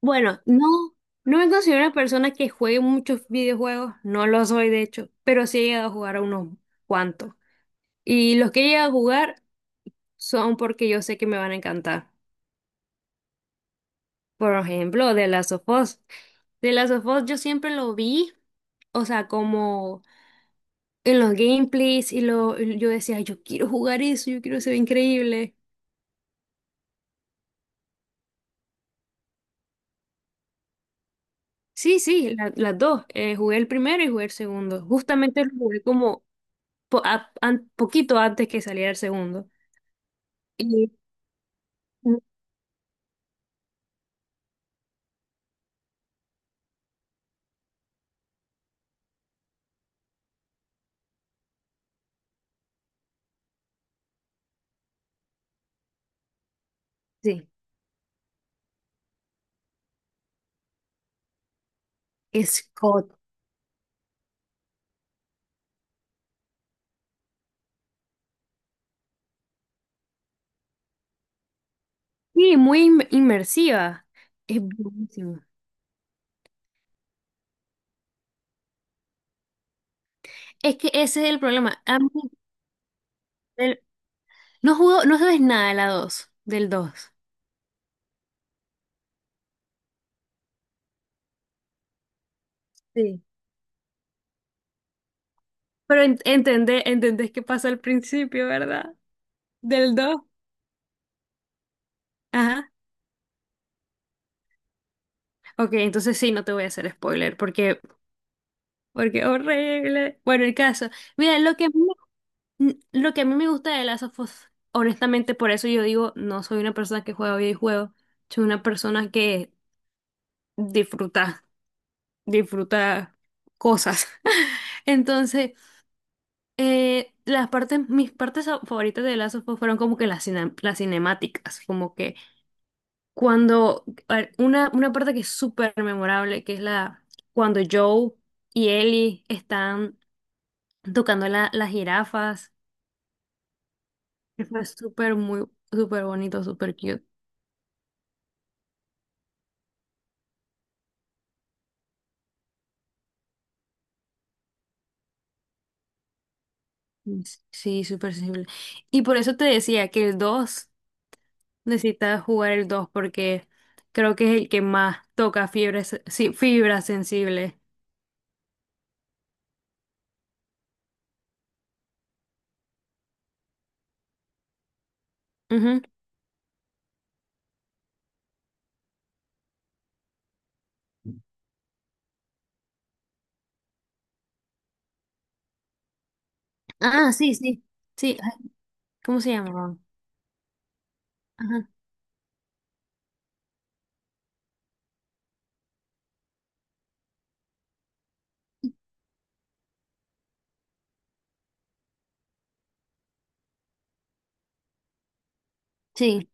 Bueno, no, no me considero una persona que juegue muchos videojuegos, no lo soy de hecho, pero sí he llegado a jugar a unos cuantos. Y los que he llegado a jugar son porque yo sé que me van a encantar. Por ejemplo, de Last of Us. The Last of Us yo siempre lo vi, o sea, como en los gameplays y yo decía, yo quiero jugar eso, yo quiero ser increíble. Sí, sí, las dos. Jugué el primero y jugué el segundo. Justamente lo jugué como poquito antes que saliera el segundo. Sí. Scott. Sí, muy inmersiva. Es buenísimo. Es que ese es el problema. A mí, el- no jugó, no sabes nada de la 2 del 2. Sí. Pero entendés qué pasa al principio, ¿verdad? Del 2. Ajá. Ok, entonces sí, no te voy a hacer spoiler porque horrible. Bueno, el caso. Mira, lo que a mí me gusta de Last of Us, honestamente, por eso yo digo, no soy una persona que juega videojuegos, soy una persona que disfruta. disfruta cosas. Entonces, mis partes favoritas de Last of Us fueron como que las cinemáticas, como que cuando, a ver, una parte que es súper memorable, que es cuando Joe y Ellie están tocando las jirafas, que fue súper, muy, súper bonito, súper cute. Sí, súper sensible. Y por eso te decía que el 2 necesitas jugar el 2 porque creo que es el que más toca fibra, sí, fibra sensible. Ujú. Ah, sí, sí. Sí, ay, ¿cómo se llamaba? Ajá. Sí,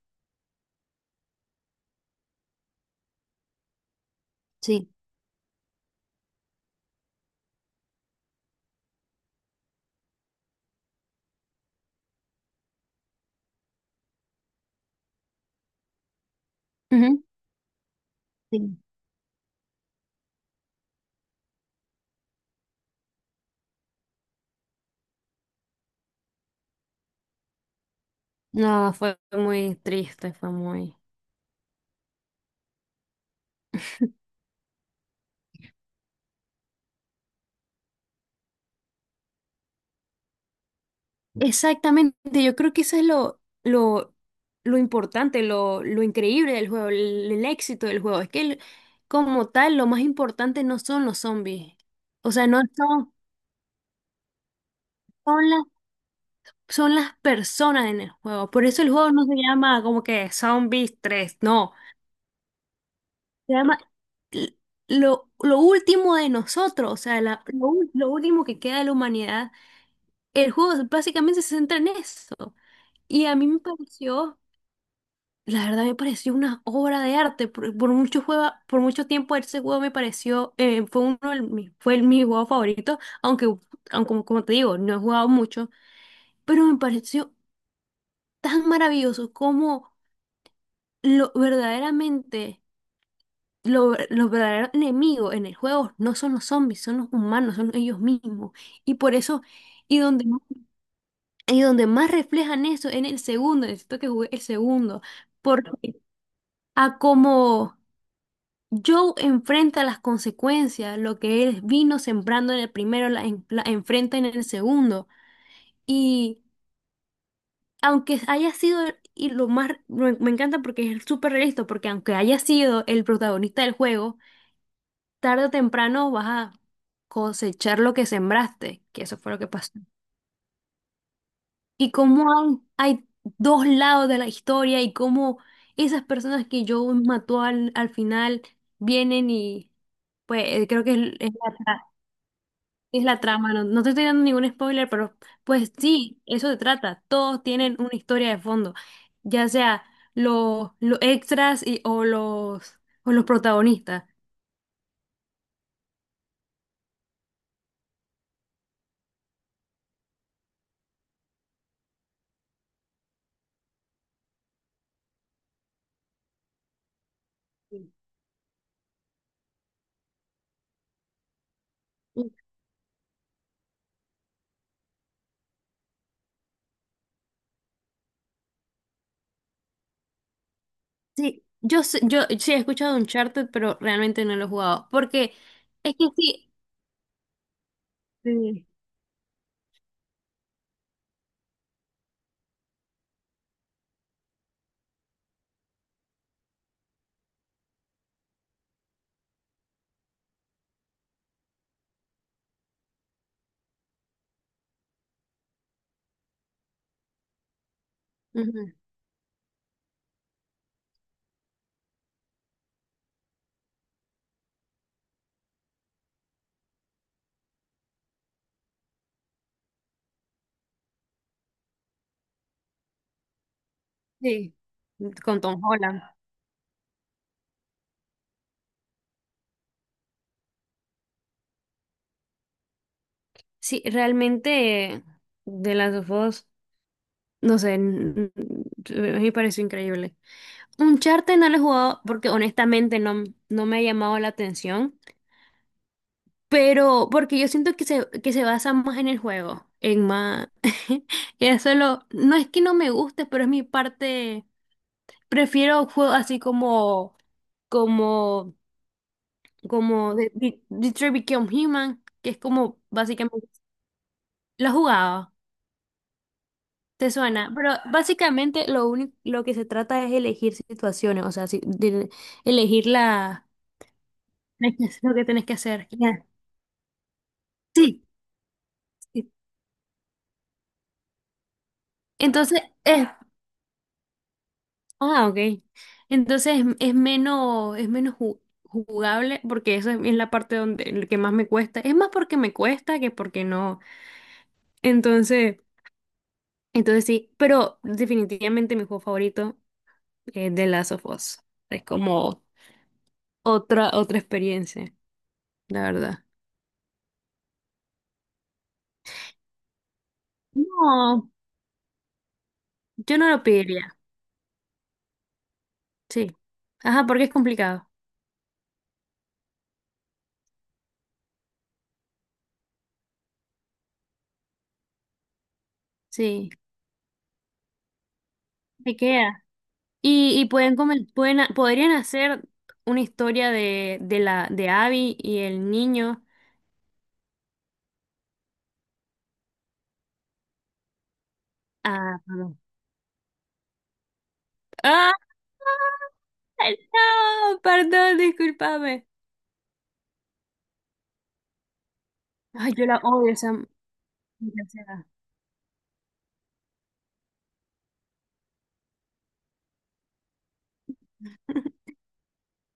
sí. Ujú. Sí. No, fue muy triste, Exactamente, yo creo que eso es lo importante, lo increíble del juego, el éxito del juego. Es que como tal, lo más importante no son los zombies. O sea, no son, son las son las personas en el juego. Por eso el juego no se llama como que Zombies 3 no. Se llama l- lo último de nosotros, o sea, lo último que queda de la humanidad. El juego básicamente se centra en eso. Y a mí me pareció, La verdad me pareció una obra de arte. Por mucho tiempo ese juego me pareció, fue uno de mis- fue el, mi juego favorito, aunque como te digo, no he jugado mucho pero me pareció tan maravilloso como lo verdaderamente, lo, ver- los verdaderos enemigos en el juego no son los zombies, son los humanos, son ellos mismos. Y por eso, y donde, y donde más reflejan eso en el segundo, necesito que juegue el segundo, porque a como Joe enfrenta las consecuencias, lo que él vino sembrando en el primero, la enfrenta en el segundo. Aunque haya sido, y lo más, Me encanta porque es súper realista, porque aunque haya sido el protagonista del juego, tarde o temprano vas a cosechar lo que sembraste, que eso fue lo que pasó. Y cómo hay dos lados de la historia y cómo esas personas que yo mató al final vienen y, pues, creo que la Es la trama, no, no te estoy dando ningún spoiler, pero pues sí, eso se trata. Todos tienen una historia de fondo, ya sea los extras o los protagonistas. Sí, yo sí he escuchado Uncharted, pero realmente no lo he jugado, porque es que sí, sí, ujú, sí, con Tom Holland. Sí, realmente de las dos, no sé, a mí me pareció increíble. Uncharted no lo he jugado porque honestamente no me ha llamado la atención, pero porque yo siento que se basa más en el juego, en más. Y eso lo no es que no me guste, pero es mi parte, prefiero juegos así como, como Detroit Become Human, que es como básicamente, lo he jugado, te suena, pero básicamente lo único, lo que se trata es elegir situaciones, o sea, elegir la. Tenés que hacer lo que tenés que hacer. Sí, sí. Entonces es, ah, ok. Entonces es menos jugable porque eso es la parte donde el que más me cuesta. Es más porque me cuesta que porque no. Entonces, entonces sí, pero definitivamente mi juego favorito es The Last of Us. Es como otra experiencia, la verdad. No, yo no lo pediría. Sí. Ajá, porque es complicado. Sí. Me queda. Y pueden comen- pueden, ha- podrían hacer una historia de la de Abby y el niño. Ah, vamos. ¡Ah! No, perdón, discúlpame. Ay, yo la odio, esa maldita sea.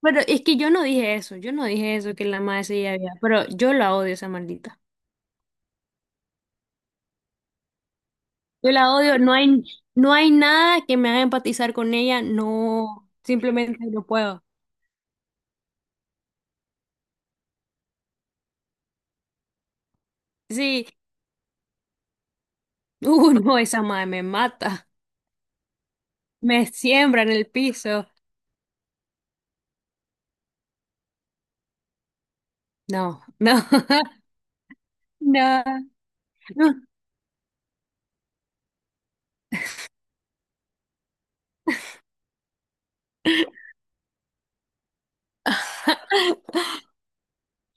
Pero es que yo no dije eso, yo no dije eso que la madre se había, pero yo la odio, esa maldita. Yo la odio, no hay nada que me haga empatizar con ella, no, simplemente no puedo. Sí, no, esa madre me mata, me siembra en el piso. No, no, no, no.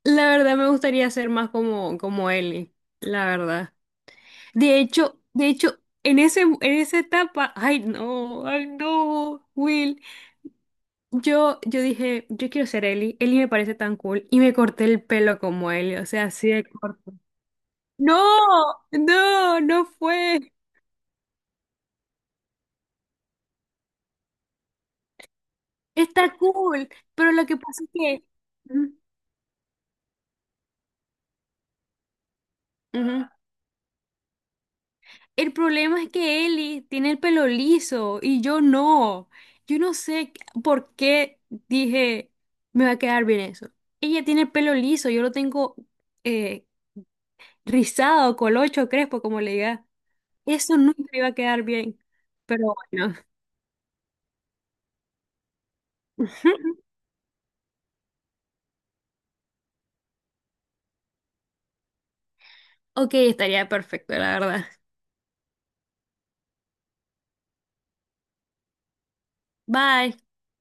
La verdad me gustaría ser más como Ellie, la verdad. De hecho, en esa etapa, ay no, Will. Yo dije, yo quiero ser Ellie. Ellie me parece tan cool. Y me corté el pelo como Ellie, o sea, así de corto. No, no, no fue. Está cool. Pero lo que pasa es que. Ujú, ujú. El problema es que Eli tiene el pelo liso y yo no. Yo no sé por qué dije, me va a quedar bien eso. Ella tiene el pelo liso, yo lo tengo eh, rizado, colocho, crespo, como le diga. Eso nunca iba a quedar bien. Pero bueno, ok, estaría perfecto, la verdad. Bye.